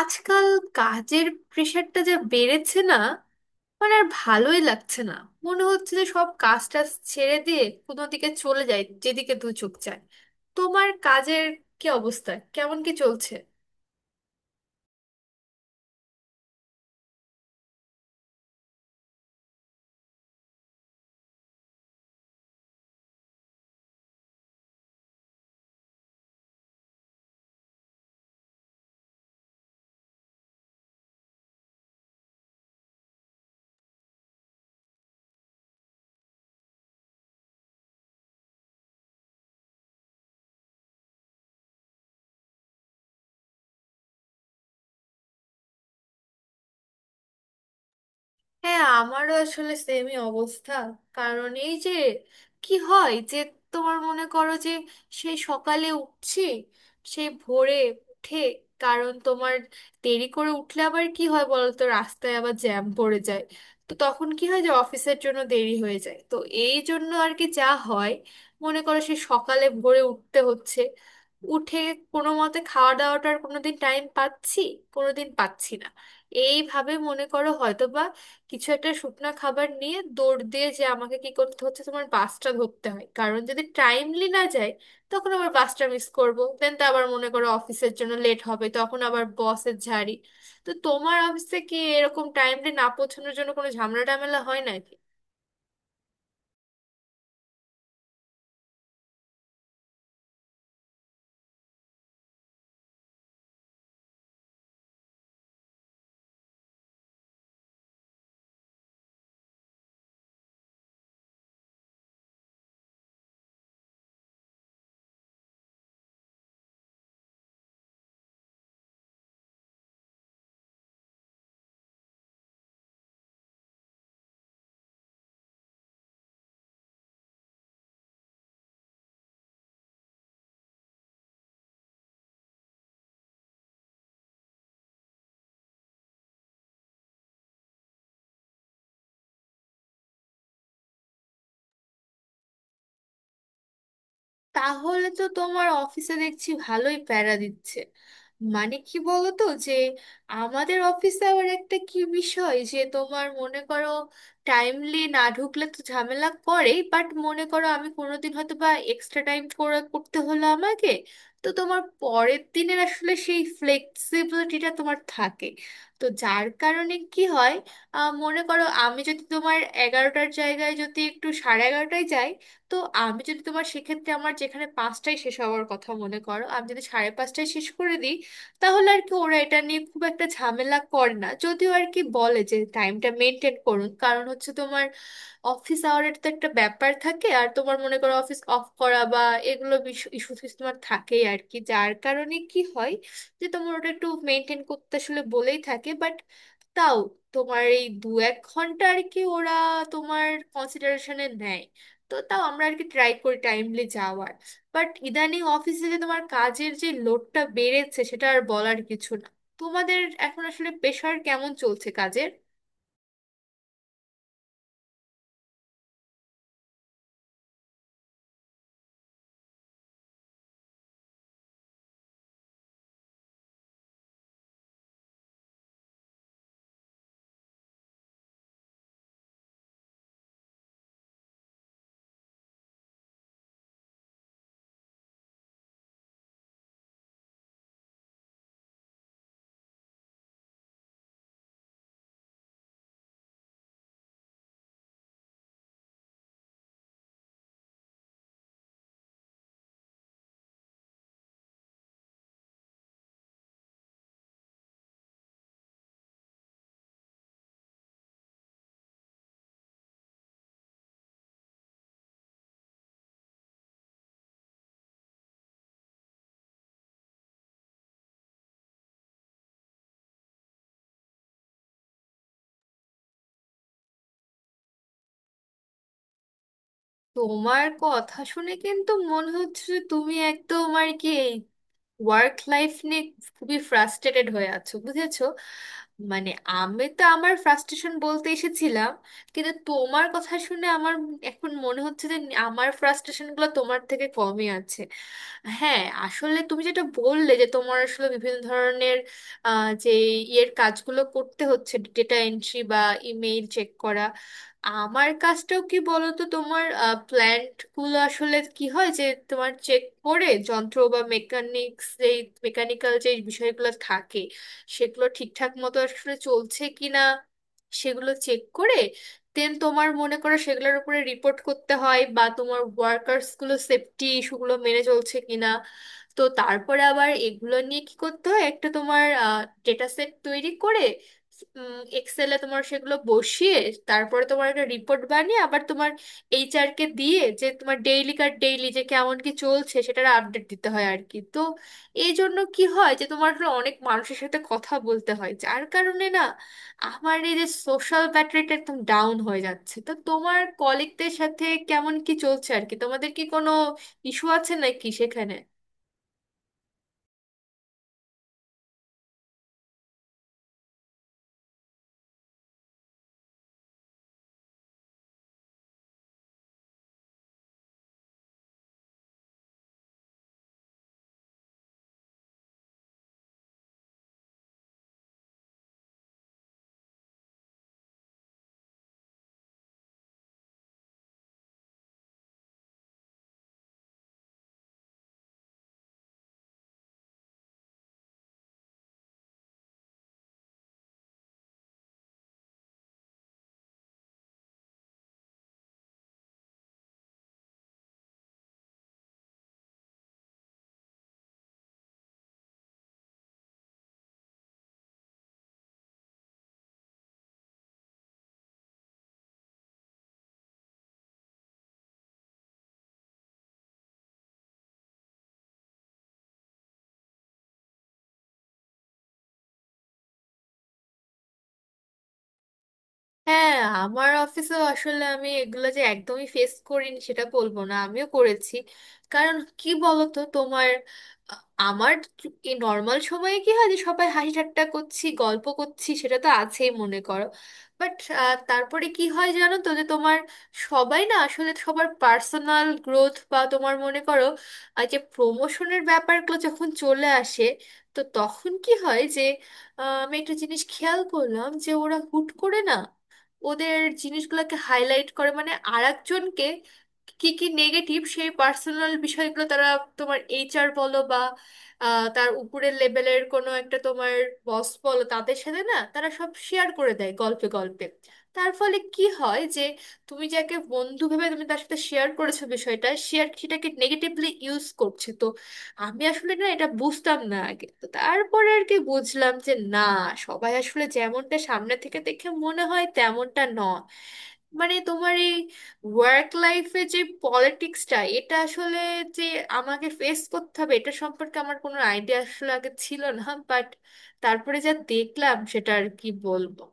আজকাল কাজের প্রেশারটা যা বেড়েছে না, মানে আর ভালোই লাগছে না। মনে হচ্ছে যে সব কাজ টাজ ছেড়ে দিয়ে কোনো দিকে চলে যায়, যেদিকে দু চোখ যায়। তোমার কাজের কি অবস্থা, কেমন কি চলছে? হ্যাঁ, আমারও আসলে সেমই অবস্থা। কারণ এই যে কি হয় যে, তোমার মনে করো যে সেই সকালে উঠছি, সেই ভোরে উঠে, কারণ তোমার দেরি করে উঠলে আবার কি হয় বলো তো, রাস্তায় আবার জ্যাম পড়ে যায়। তো তখন কি হয় যে অফিসের জন্য দেরি হয়ে যায়, তো এই জন্য আর কি যা হয়, মনে করো সেই সকালে ভোরে উঠতে হচ্ছে, উঠে কোনো মতে খাওয়া দাওয়াটার কোনোদিন টাইম পাচ্ছি, কোনোদিন পাচ্ছি না। এইভাবে মনে করো হয়তোবা কিছু একটা শুকনা খাবার নিয়ে দৌড় দিয়ে, যে আমাকে কি করতে হচ্ছে, তোমার বাসটা ধরতে হয় কারণ যদি টাইমলি না যায়, তখন আবার বাসটা মিস করব। দেন তো আবার মনে করো অফিসের জন্য লেট হবে, তখন আবার বসের ঝাড়ি। তো তোমার অফিসে কি এরকম টাইমলি না পৌঁছানোর জন্য কোনো ঝামেলা টামেলা হয় নাকি? তাহলে তো তোমার অফিসে দেখছি ভালোই প্যারা দিচ্ছে। মানে কি বলতো যে আমাদের অফিসে আবার একটা কি বিষয় যে, তোমার মনে করো টাইমলি না ঢুকলে তো ঝামেলা করেই, বাট মনে করো আমি কোনোদিন হয়তো বা এক্সট্রা টাইম করে করতে হলো আমাকে, তো তোমার পরের দিনের আসলে সেই ফ্লেক্সিবিলিটিটা তোমার থাকে। তো যার কারণে কি হয়, মনে করো আমি যদি তোমার এগারোটার জায়গায় যদি একটু সাড়ে এগারোটায় যাই, তো আমি যদি তোমার সেক্ষেত্রে, আমার যেখানে পাঁচটায় শেষ হওয়ার কথা, মনে করো আমি যদি সাড়ে পাঁচটায় শেষ করে দিই, তাহলে আর কি ওরা এটা নিয়ে খুব একটা ঝামেলা করে না। যদিও আর কি বলে যে টাইমটা মেনটেন করুন, কারণ হচ্ছে তোমার অফিস আওয়ারের তো একটা ব্যাপার থাকে, আর তোমার মনে করো অফিস অফ করা বা এগুলো ইস্যু তোমার থাকেই আর কি, যার কারণে কি হয় যে তোমার ওটা একটু মেনটেন করতে আসলে বলেই থাকে। বাট তাও তোমার এই দু এক ঘন্টা আর কি ওরা তোমার কনসিডারেশনে নেয়। তো তাও আমরা আর কি ট্রাই করি টাইমলি যাওয়ার, বাট ইদানিং অফিসে যে তোমার কাজের যে লোডটা বেড়েছে সেটা আর বলার কিছু না। তোমাদের এখন আসলে প্রেশার কেমন চলছে কাজের? তোমার কথা শুনে কিন্তু মনে হচ্ছে যে তুমি একদম আর কি ওয়ার্ক লাইফ নিয়ে খুবই ফ্রাস্ট্রেটেড হয়ে আছো, বুঝেছো। মানে আমি তো আমার ফ্রাস্ট্রেশন বলতে এসেছিলাম, কিন্তু তোমার কথা শুনে আমার এখন মনে হচ্ছে যে আমার ফ্রাস্ট্রেশনগুলো তোমার থেকে কমই আছে। হ্যাঁ, আসলে তুমি যেটা বললে যে তোমার আসলে বিভিন্ন ধরনের যে ইয়ের কাজগুলো করতে হচ্ছে, ডেটা এন্ট্রি বা ইমেইল চেক করা, আমার কাজটাও কি বলতো তোমার, প্ল্যান্ট গুলো আসলে কি হয় যে তোমার চেক করে, যন্ত্র বা মেকানিক্স যেই মেকানিক্যাল যে বিষয়গুলো থাকে সেগুলো ঠিকঠাক মতো আসলে চলছে কিনা, সেগুলো চেক করে, দেন তোমার মনে করো সেগুলোর উপরে রিপোর্ট করতে হয়, বা তোমার ওয়ার্কার্স গুলো সেফটি ইস্যুগুলো মেনে চলছে কিনা। তো তারপরে আবার এগুলো নিয়ে কি করতে হয়, একটা তোমার ডেটা সেট তৈরি করে এক্সেলে তোমার সেগুলো বসিয়ে, তারপরে তোমার একটা রিপোর্ট বানিয়ে আবার তোমার এইচআর কে দিয়ে, যে তোমার ডেইলি কার ডেইলি যে কেমন কি চলছে সেটার আপডেট দিতে হয় আর কি। তো এই জন্য কি হয় যে তোমার আসলে অনেক মানুষের সাথে কথা বলতে হয়, যার কারণে না আমার এই যে সোশ্যাল ব্যাটারিটা একদম ডাউন হয়ে যাচ্ছে। তো তোমার কলিগদের সাথে কেমন কি চলছে আর কি, তোমাদের কি কোনো ইস্যু আছে নাকি সেখানে? হ্যাঁ, আমার অফিসেও আসলে আমি এগুলো যে একদমই ফেস করিনি সেটা বলবো না, আমিও করেছি। কারণ কি বলতো তোমার, আ- আমার এই নর্মাল সময়ে কি হয় যে সবাই হাসি ঠাট্টা করছি, গল্প করছি, সেটা তো আছেই মনে করো। বাট তারপরে কি হয় জানো তো, যে তোমার সবাই না আসলে সবার পার্সোনাল গ্রোথ বা তোমার মনে করো যে প্রমোশনের ব্যাপারগুলো যখন চলে আসে, তো তখন কি হয় যে, আমি একটা জিনিস খেয়াল করলাম যে ওরা হুট করে না ওদের জিনিসগুলোকে হাইলাইট করে, মানে আর একজনকে কি কি নেগেটিভ সেই পার্সোনাল বিষয়গুলো তারা তোমার এইচআর বলো বা তার উপরের লেভেলের কোনো একটা তোমার বস বলো, তাদের সাথে না তারা সব শেয়ার করে দেয় গল্পে গল্পে। তার ফলে কি হয় যে তুমি যাকে বন্ধু ভেবে তুমি তার সাথে শেয়ার করেছো বিষয়টা, শেয়ার সেটাকে নেগেটিভলি ইউজ করছে। আমি আসলে না এটা বুঝতাম না আগে, তো তারপরে আর কি বুঝলাম যে না, সবাই আসলে যেমনটা সামনে থেকে দেখে মনে হয় তেমনটা নয়। মানে তোমার এই ওয়ার্ক লাইফে যে পলিটিক্সটা, এটা আসলে যে আমাকে ফেস করতে হবে এটা সম্পর্কে আমার কোনো আইডিয়া আসলে আগে ছিল না। বাট তারপরে যা দেখলাম সেটা আর কি বলবো।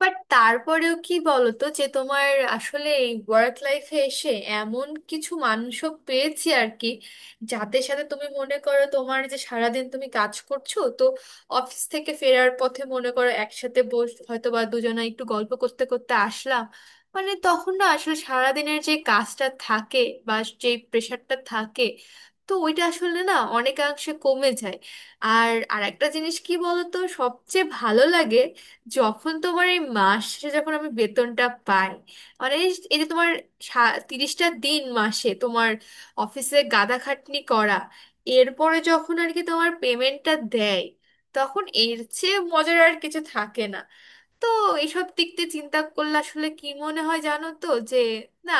বাট তারপরেও কি বলতো যে তোমার আসলে এই ওয়ার্ক লাইফে এসে এমন কিছু মানুষও পেয়েছি আর কি, যাদের সাথে তুমি মনে করো তোমার যে সারাদিন তুমি কাজ করছো, তো অফিস থেকে ফেরার পথে মনে করো একসাথে বস হয়তো বা দুজনে একটু গল্প করতে করতে আসলাম, মানে তখন না আসলে সারাদিনের যে কাজটা থাকে বা যে প্রেশারটা থাকে, তো ওইটা আসলে না অনেকাংশে কমে যায়। আর আরেকটা জিনিস কি বলতো, সবচেয়ে ভালো লাগে যখন তোমার এই মাস শেষে যখন আমি বেতনটা পাই। মানে এই এই যে তোমার 30টা দিন মাসে তোমার অফিসে গাদা খাটনি করা, এরপরে যখন আর কি তোমার পেমেন্টটা দেয়, তখন এর চেয়ে মজার আর কিছু থাকে না। তো এইসব দিক দিয়ে চিন্তা করলে আসলে কি মনে হয় জানো তো যে, না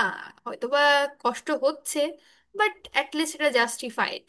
হয়তোবা কষ্ট হচ্ছে, বাট অ্যাটলিস্ট এটা জাস্টিফাইড।